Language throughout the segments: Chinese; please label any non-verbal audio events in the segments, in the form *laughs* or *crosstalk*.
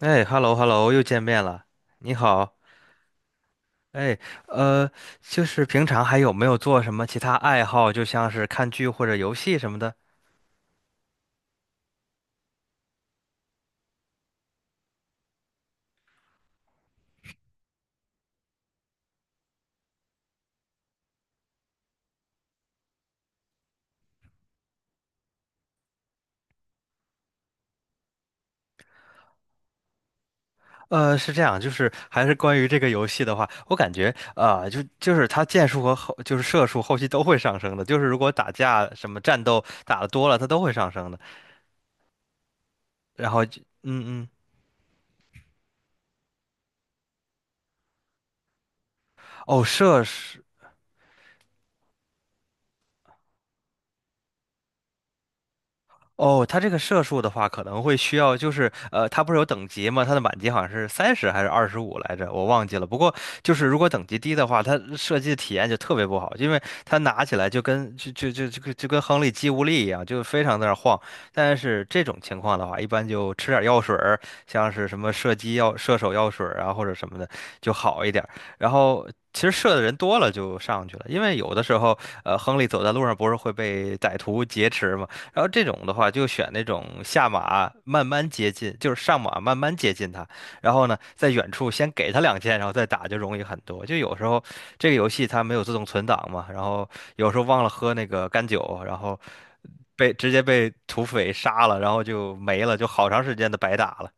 哎，hello hello，又见面了，你好。哎，呃，就是平常还有没有做什么其他爱好，就像是看剧或者游戏什么的？是这样，就是还是关于这个游戏的话，我感觉它剑术和后就是射术后期都会上升的，就是如果打架什么战斗打的多了，它都会上升的。然后就哦，射是。哦，它这个射术的话，可能会需要，它不是有等级吗？它的满级好像是30还是25来着，我忘记了。不过就是如果等级低的话，它射击的体验就特别不好，因为它拿起来就跟就就就就跟就跟亨利肌无力一样，就非常在那儿晃。但是这种情况的话，一般就吃点药水儿，像是什么射击药、射手药水儿啊，或者什么的就好一点儿然后。其实射的人多了就上去了，因为有的时候，亨利走在路上不是会被歹徒劫持吗？然后这种的话，就选那种下马慢慢接近，就是上马慢慢接近他，然后呢，在远处先给他两箭，然后再打就容易很多。就有时候这个游戏它没有自动存档嘛，然后有时候忘了喝那个干酒，然后被直接被土匪杀了，然后就没了，就好长时间的白打了。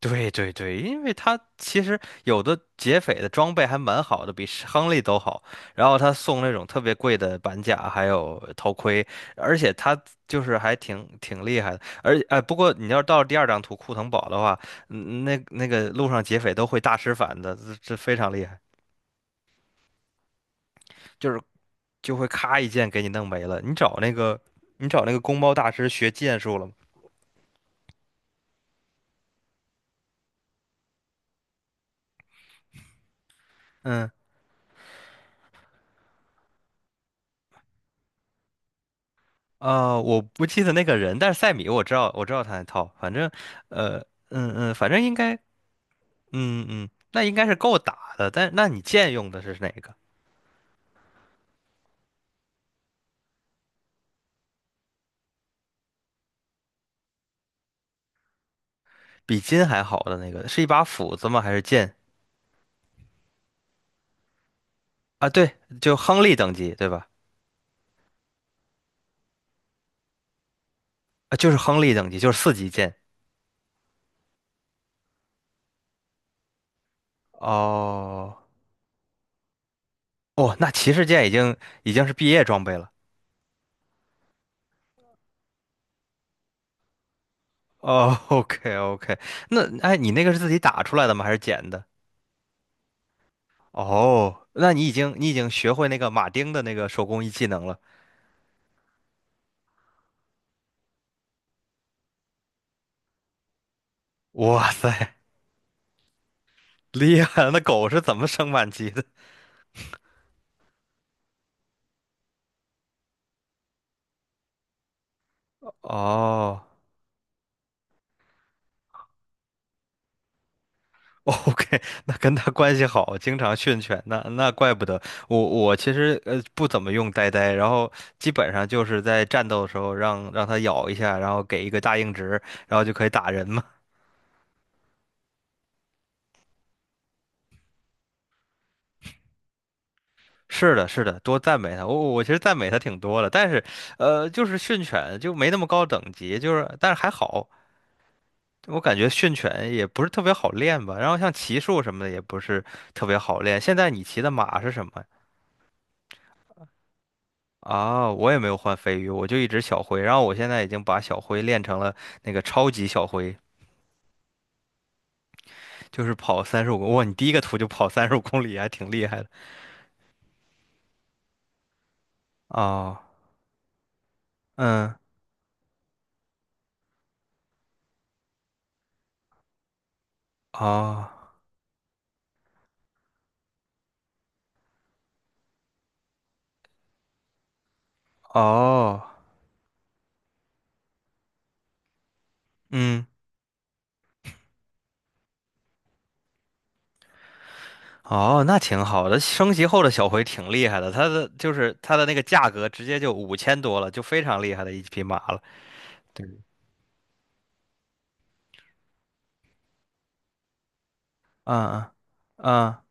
对对对，因为他其实有的劫匪的装备还蛮好的，比是亨利都好。然后他送那种特别贵的板甲，还有头盔，而且他就是还挺厉害的。而哎，不过你要到第二张图库腾堡的话，那个路上劫匪都会大师反的，这非常厉害，就是就会咔一剑给你弄没了。你找那个公猫大师学剑术了吗？嗯。呃，我不记得那个人，但是塞米我知道，我知道他那套，反正，呃，反正应该，嗯嗯，那应该是够打的。但那你剑用的是哪个？比金还好的那个，是一把斧子吗？还是剑？啊，对，就亨利等级，对吧？啊，就是亨利等级，就是四级剑。哦哦，那骑士剑已经是毕业装备了。哦，OK OK，*laughs* 那哎，你那个是自己打出来的吗？还是捡的？哦，那你你已经学会那个马丁的那个手工艺技能了。哇塞，厉害了！那狗是怎么升满级的？*laughs* 哦，OK,那跟它关系好，经常训犬，那怪不得我其实不怎么用呆呆，然后基本上就是在战斗的时候让它咬一下，然后给一个大硬直，然后就可以打人嘛。是的，是的，多赞美它。我其实赞美它挺多的，但是就是训犬就没那么高等级，就是但是还好，我感觉训犬也不是特别好练吧，然后像骑术什么的也不是特别好练。现在你骑的马是什么呀？啊，我也没有换飞鱼，我就一直小灰，然后我现在已经把小灰练成了那个超级小灰，就是跑三十五公，哇，你第一个图就跑35公里，还挺厉害的。哦，嗯，哦，哦，嗯，哦，那挺好的，升级后的小灰挺厉害的，它的就是它的那个价格直接就5000多了，就非常厉害的一匹马了。嗯嗯嗯。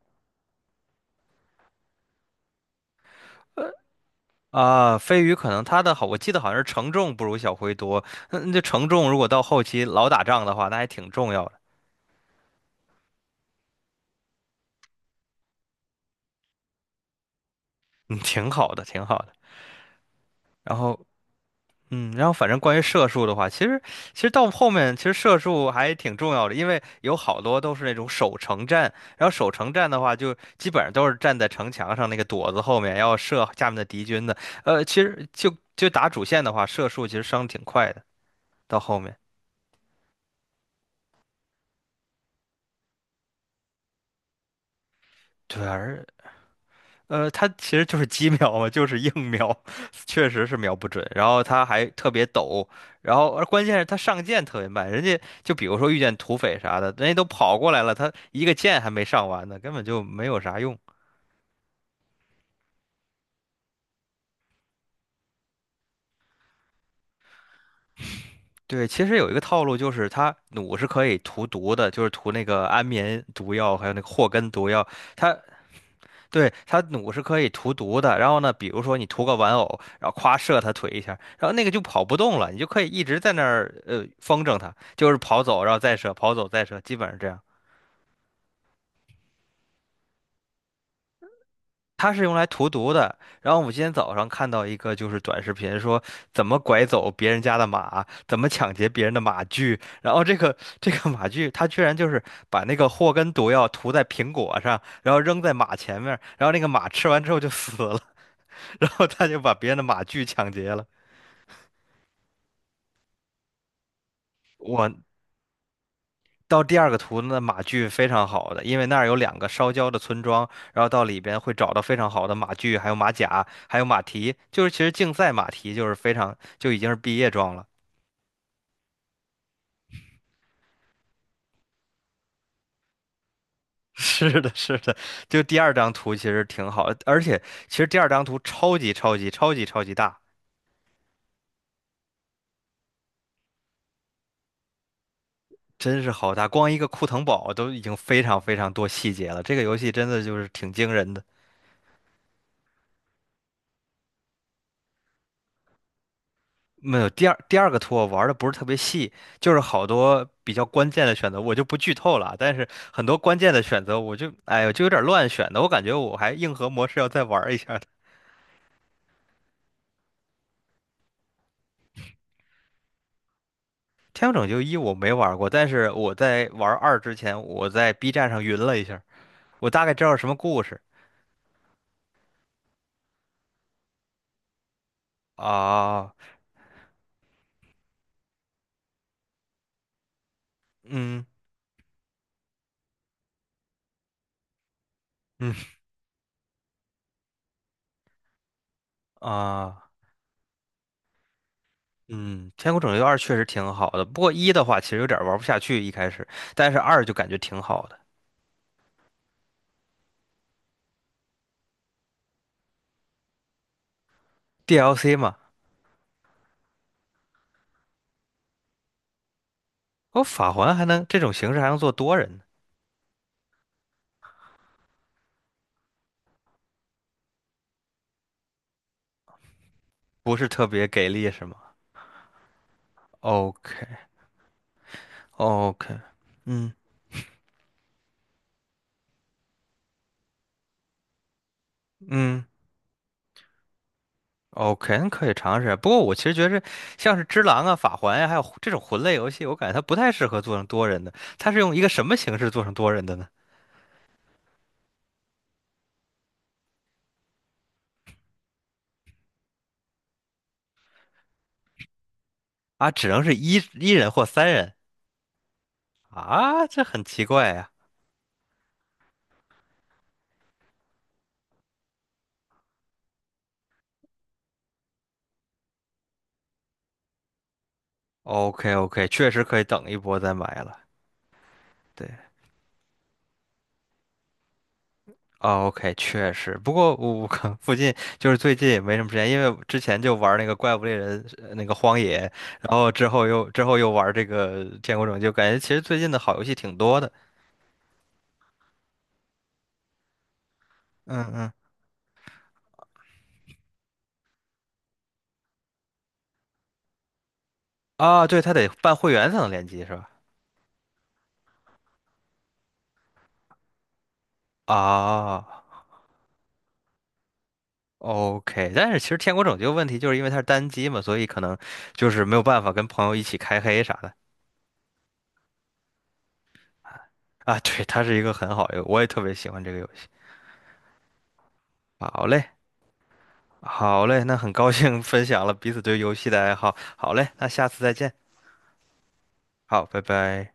啊，飞鱼可能他的好，我记得好像是承重不如小灰多。那承重如果到后期老打仗的话，那还挺重要的，嗯，挺好的，挺好的。然后，嗯，然后反正关于射术的话，其实到后面其实射术还挺重要的，因为有好多都是那种守城战，然后守城战的话，就基本上都是站在城墙上那个垛子后面要射下面的敌军的。其实就打主线的话，射术其实伤挺快的，到后面。对啊，它其实就是鸡瞄嘛，就是硬瞄，*laughs* 确实是瞄不准。然后它还特别抖，然后而关键是它上箭特别慢，人家就比如说遇见土匪啥的，人家都跑过来了，他一个箭还没上完呢，根本就没有啥用。对，其实有一个套路就是它弩是可以涂毒的，就是涂那个安眠毒药，还有那个祸根毒药。它对，它弩是可以涂毒的，然后呢，比如说你涂个玩偶，然后夸射它腿一下，然后那个就跑不动了，你就可以一直在那儿风筝它，就是跑走，然后再射，跑走再射，基本上这样。它是用来涂毒的。然后我今天早上看到一个就是短视频，说怎么拐走别人家的马，怎么抢劫别人的马具，然后这个马具，它居然就是把那个祸根毒药涂在苹果上，然后扔在马前面，然后那个马吃完之后就死了，然后他就把别人的马具抢劫了。我到第二个图，那马具非常好的，因为那儿有2个烧焦的村庄，然后到里边会找到非常好的马具，还有马甲，还有马蹄，就是其实竞赛马蹄就是非常就已经是毕业装了。*laughs* 是的，是的，就第二张图其实挺好的，而且其实第二张图超级超级超级超级大，真是好大，光一个库腾堡都已经非常非常多细节了，这个游戏真的就是挺惊人的。没有，第二个图我玩的不是特别细，就是好多比较关键的选择，我就不剧透了。但是很多关键的选择，我就哎呦就有点乱选的，我感觉我还硬核模式要再玩一下的。天空拯救一我没玩过，但是我在玩二之前，我在 B 站上云了一下，我大概知道什么故事。啊，嗯嗯啊嗯，天空拯救二确实挺好的，不过一的话其实有点玩不下去一开始，但是二就感觉挺好的。 DLC 嘛。哦，法环还能这种形式还能做多人呢，不是特别给力是吗？OK OK，嗯嗯，OK 可以尝试。不过我其实觉得像是只狼啊、法环呀、还有魂这种魂类游戏，我感觉它不太适合做成多人的。它是用一个什么形式做成多人的呢？啊，只能是一人或三人。啊，这很奇怪呀、OK OK，确实可以等一波再买了。对。哦，OK，确实。不过我 *laughs* 可附近就是最近也没什么时间，因为之前就玩那个怪物猎人那个荒野，然后之后又玩这个天国拯救，感觉其实最近的好游戏挺多的。嗯嗯。啊，对，他得办会员才能联机是吧？啊哦，OK。但是其实《天国拯救》问题就是因为它是单机嘛，所以可能就是没有办法跟朋友一起开黑啥的。啊，对，它是一个很好的，我也特别喜欢这个游戏。好嘞。好嘞，那很高兴分享了彼此对游戏的爱好。好嘞，那下次再见。好，拜拜。